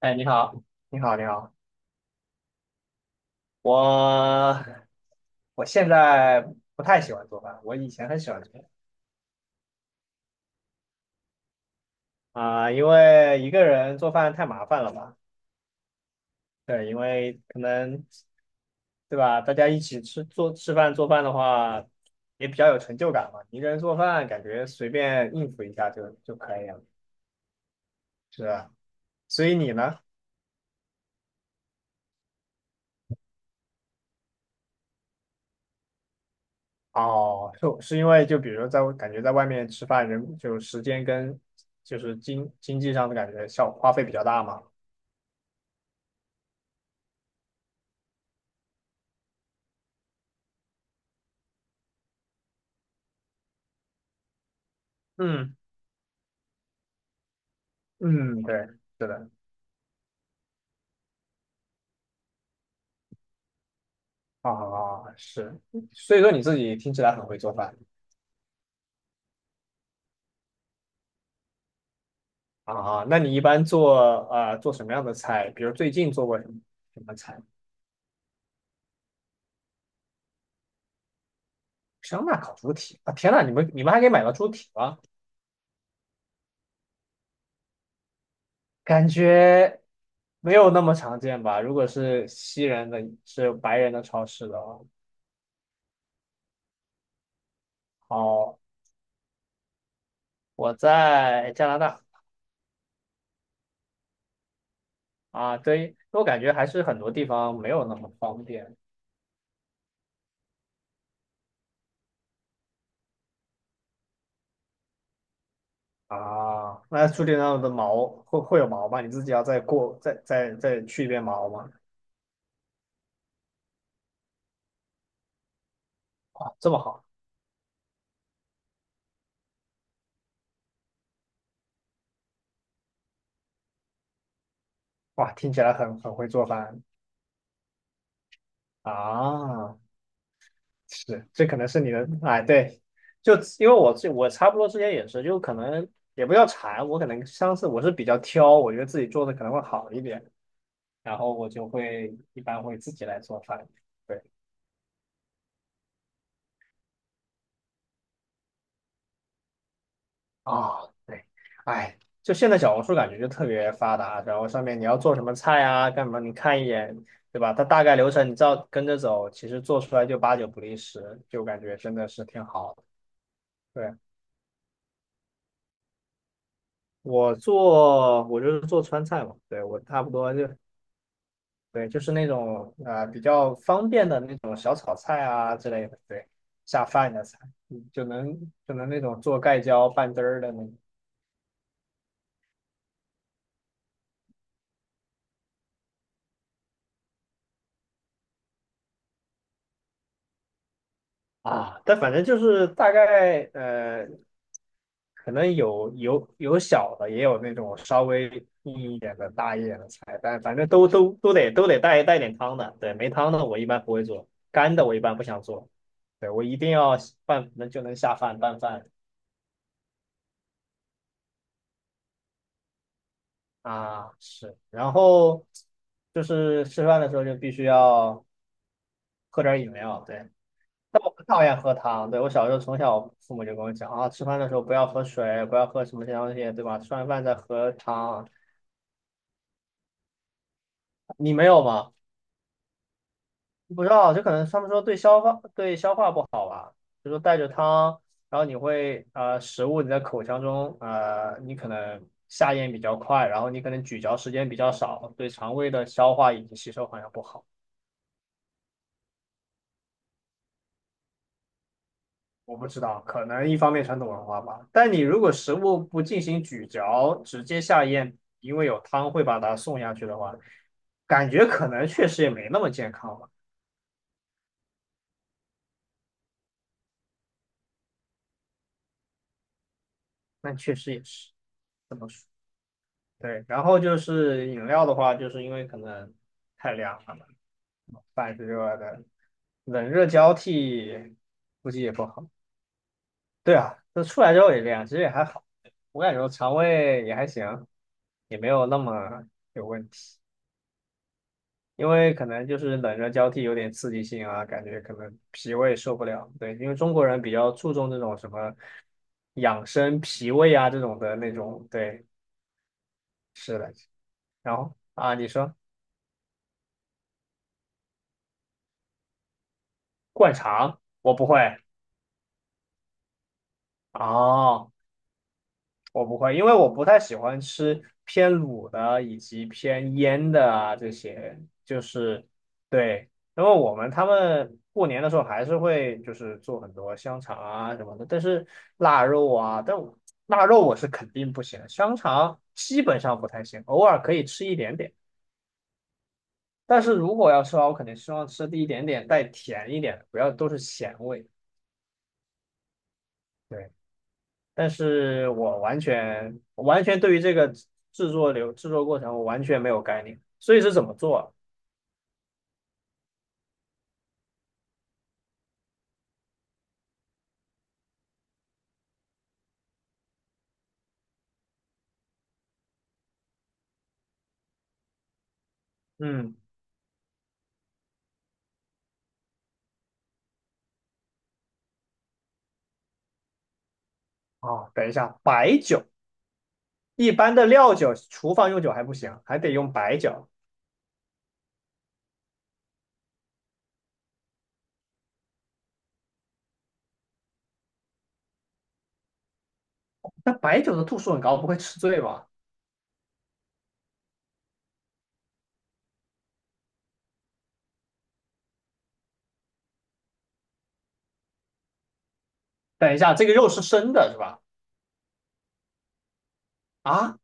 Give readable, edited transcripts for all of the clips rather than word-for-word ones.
哎，你好，你好，你好，我我现在不太喜欢做饭，我以前很喜欢做饭。啊，因为一个人做饭太麻烦了吧？对，因为可能对吧，大家一起吃做吃饭做饭的话，也比较有成就感嘛。一个人做饭感觉随便应付一下就可以了，是吧？所以你呢？哦，是因为就比如在感觉在外面吃饭，人就时间跟就是经济上的感觉效花费比较大嘛？嗯嗯，对，是的，啊，啊是，所以说你自己听起来很会做饭啊，啊那你一般做什么样的菜？比如最近做过什么菜？香辣烤猪蹄啊！天呐，你们还可以买到猪蹄吗？感觉没有那么常见吧？如果是西人的，是白人的超市的话，哦，我在加拿大啊，对，我感觉还是很多地方没有那么方便。啊，那注定上的毛会有毛吗？你自己要再过再再再去一遍毛吗？哇，这么好，哇，听起来很会做饭啊！是，这可能是你的，哎，对，就因为我差不多之前也是，就可能也不要馋，我可能上次我是比较挑，我觉得自己做的可能会好一点，然后我一般会自己来做饭。对。啊，对，哎，就现在小红书感觉就特别发达，然后上面你要做什么菜啊，干嘛你看一眼，对吧？它大概流程你照跟着走，其实做出来就八九不离十，就感觉真的是挺好的。对，我就是做川菜嘛，对，我差不多就，对，就是那种啊比较方便的那种小炒菜啊之类的，对，下饭的菜，嗯就能那种做盖浇拌汁儿的那种。啊，但反正就是大概可能有小的，也有那种稍微硬一点的、大一点的菜，但反正都得带点汤的。对，没汤的我一般不会做，干的我一般不想做。对，我一定要拌，就能下饭拌饭。啊，是。然后就是吃饭的时候就必须要喝点饮料，对。但我不讨厌喝汤，对，我小时候从小父母就跟我讲啊，吃饭的时候不要喝水，不要喝什么这些东西，对吧？吃完饭再喝汤。你没有吗？不知道，就可能他们说对消化不好，就说带着汤，然后你会食物你在口腔中你可能下咽比较快，然后你可能咀嚼时间比较少，对肠胃的消化以及吸收好像不好。我不知道，可能一方面传统文化吧。但你如果食物不进行咀嚼，直接下咽，因为有汤会把它送下去的话，感觉可能确实也没那么健康吧。但确实也是。怎么说？对，然后就是饮料的话，就是因为可能太凉了嘛，饭是热的，冷热交替估计也不好。对啊，那出来之后也这样，其实也还好，我感觉我肠胃也还行，也没有那么有问题。因为可能就是冷热交替有点刺激性啊，感觉可能脾胃受不了。对，因为中国人比较注重这种什么养生脾胃啊这种的那种。对，是的。然后啊，你说。灌肠我不会啊，我不会，因为我不太喜欢吃偏卤的以及偏腌的啊这些，就是对，因为我们他们过年的时候还是会就是做很多香肠啊什么的，但是腊肉啊，腊肉我是肯定不行的香肠基本上不太行，偶尔可以吃一点点，但是如果要吃的话，我肯定希望吃的一点点带甜一点的，不要都是咸味。对。但是我完全对于这个制作过程我完全没有概念，所以是怎么做啊嗯，哦，等一下，白酒一般的料酒，厨房用酒还不行，还得用白酒。那白酒的度数很高，不会吃醉吧？等一下，这个肉是生的是吧？啊，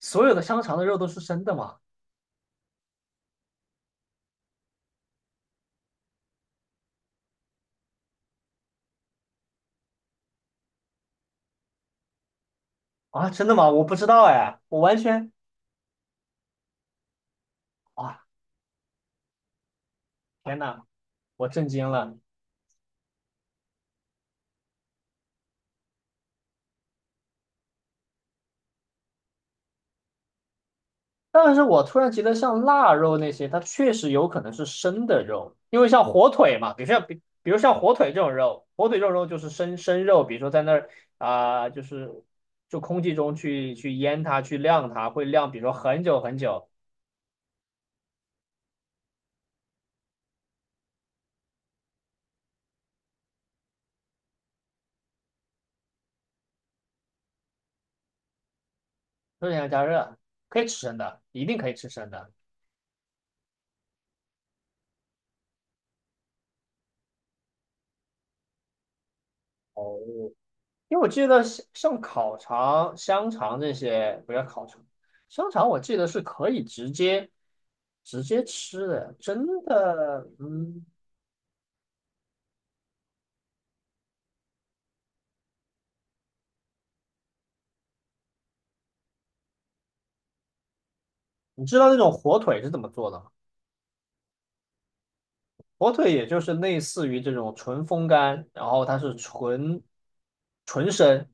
所有的香肠的肉都是生的吗？啊，真的吗？我不知道哎，我完全啊，天呐，我震惊了。但是我突然觉得像腊肉那些，它确实有可能是生的肉，因为像火腿嘛，比如像火腿这种肉，火腿这种肉就是生肉，比如说在那儿啊、就空气中去腌它，去晾它，会晾，比如说很久很久，热量加热，可以吃生的，一定可以吃生的，因为我记得像烤肠、香肠这些，不要烤肠，香肠我记得是可以直接吃的，真的，嗯。你知道那种火腿是怎么做的吗？火腿也就是类似于这种纯风干，然后它是纯生，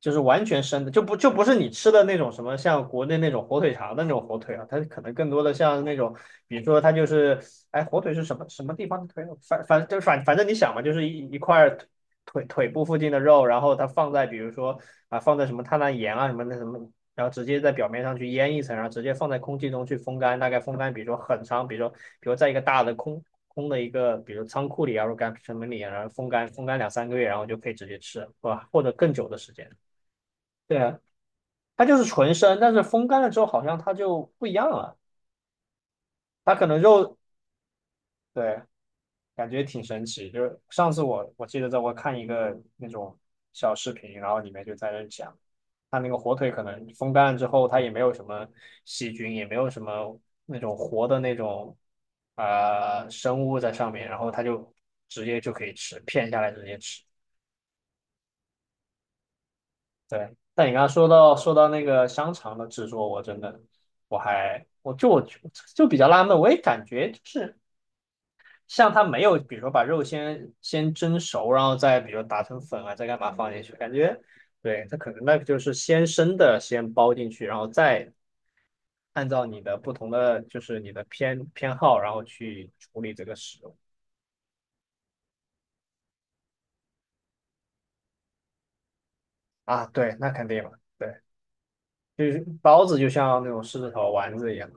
就是完全生的，就不是你吃的那种什么像国内那种火腿肠的那种火腿啊，它可能更多的像那种，比如说它就是，哎，火腿是什么地方的腿？反反就反反正你想嘛，就是一块腿部附近的肉，然后它放在比如说啊放在什么碳氮盐啊什么那什么，然后直接在表面上去腌一层，然后直接放在空气中去风干，大概风干比如说很长，比如在一个大的空空的一个，比如仓库里啊，或者干什么里啊，然后风干风干两三个月，然后就可以直接吃，是吧？或者更久的时间。对啊，它就是纯生，但是风干了之后好像它就不一样了，它可能肉，对，感觉挺神奇。就是上次我记得在我看一个那种小视频，然后里面就在那讲，它那个火腿可能风干了之后，它也没有什么细菌，也没有什么那种活的那种生物在上面，然后它就直接就可以吃，片下来直接吃。对，但你刚刚说到那个香肠的制作，我真的我比较纳闷，我也感觉就是像它没有，比如说把肉先蒸熟，然后再比如打成粉啊，再干嘛放进去，感觉对它可能那个就是先生的先包进去，然后再按照你的不同的就是你的偏好，然后去处理这个食物啊，对，那肯定嘛，对，就是包子就像那种狮子头丸子一样。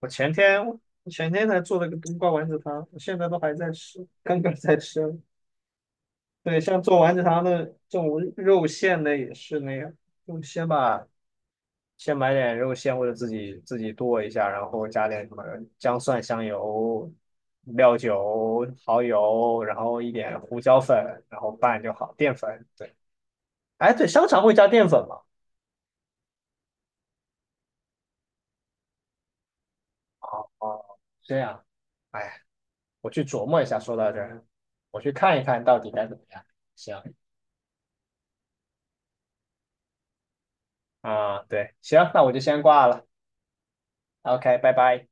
我前天才做了个冬瓜丸子汤，我现在都还在吃，刚刚在吃。对，像做丸子汤的这种肉馅的也是那样，就先把先买点肉馅或者自己剁一下，然后加点什么姜蒜、香油、料酒、蚝油，然后一点胡椒粉，然后拌就好。淀粉，对，哎，对，香肠会加淀粉吗？哦，这样，哎，我去琢磨一下。说到这儿，我去看一看到底该怎么样。行。啊，对，行，那我就先挂了。OK，拜拜。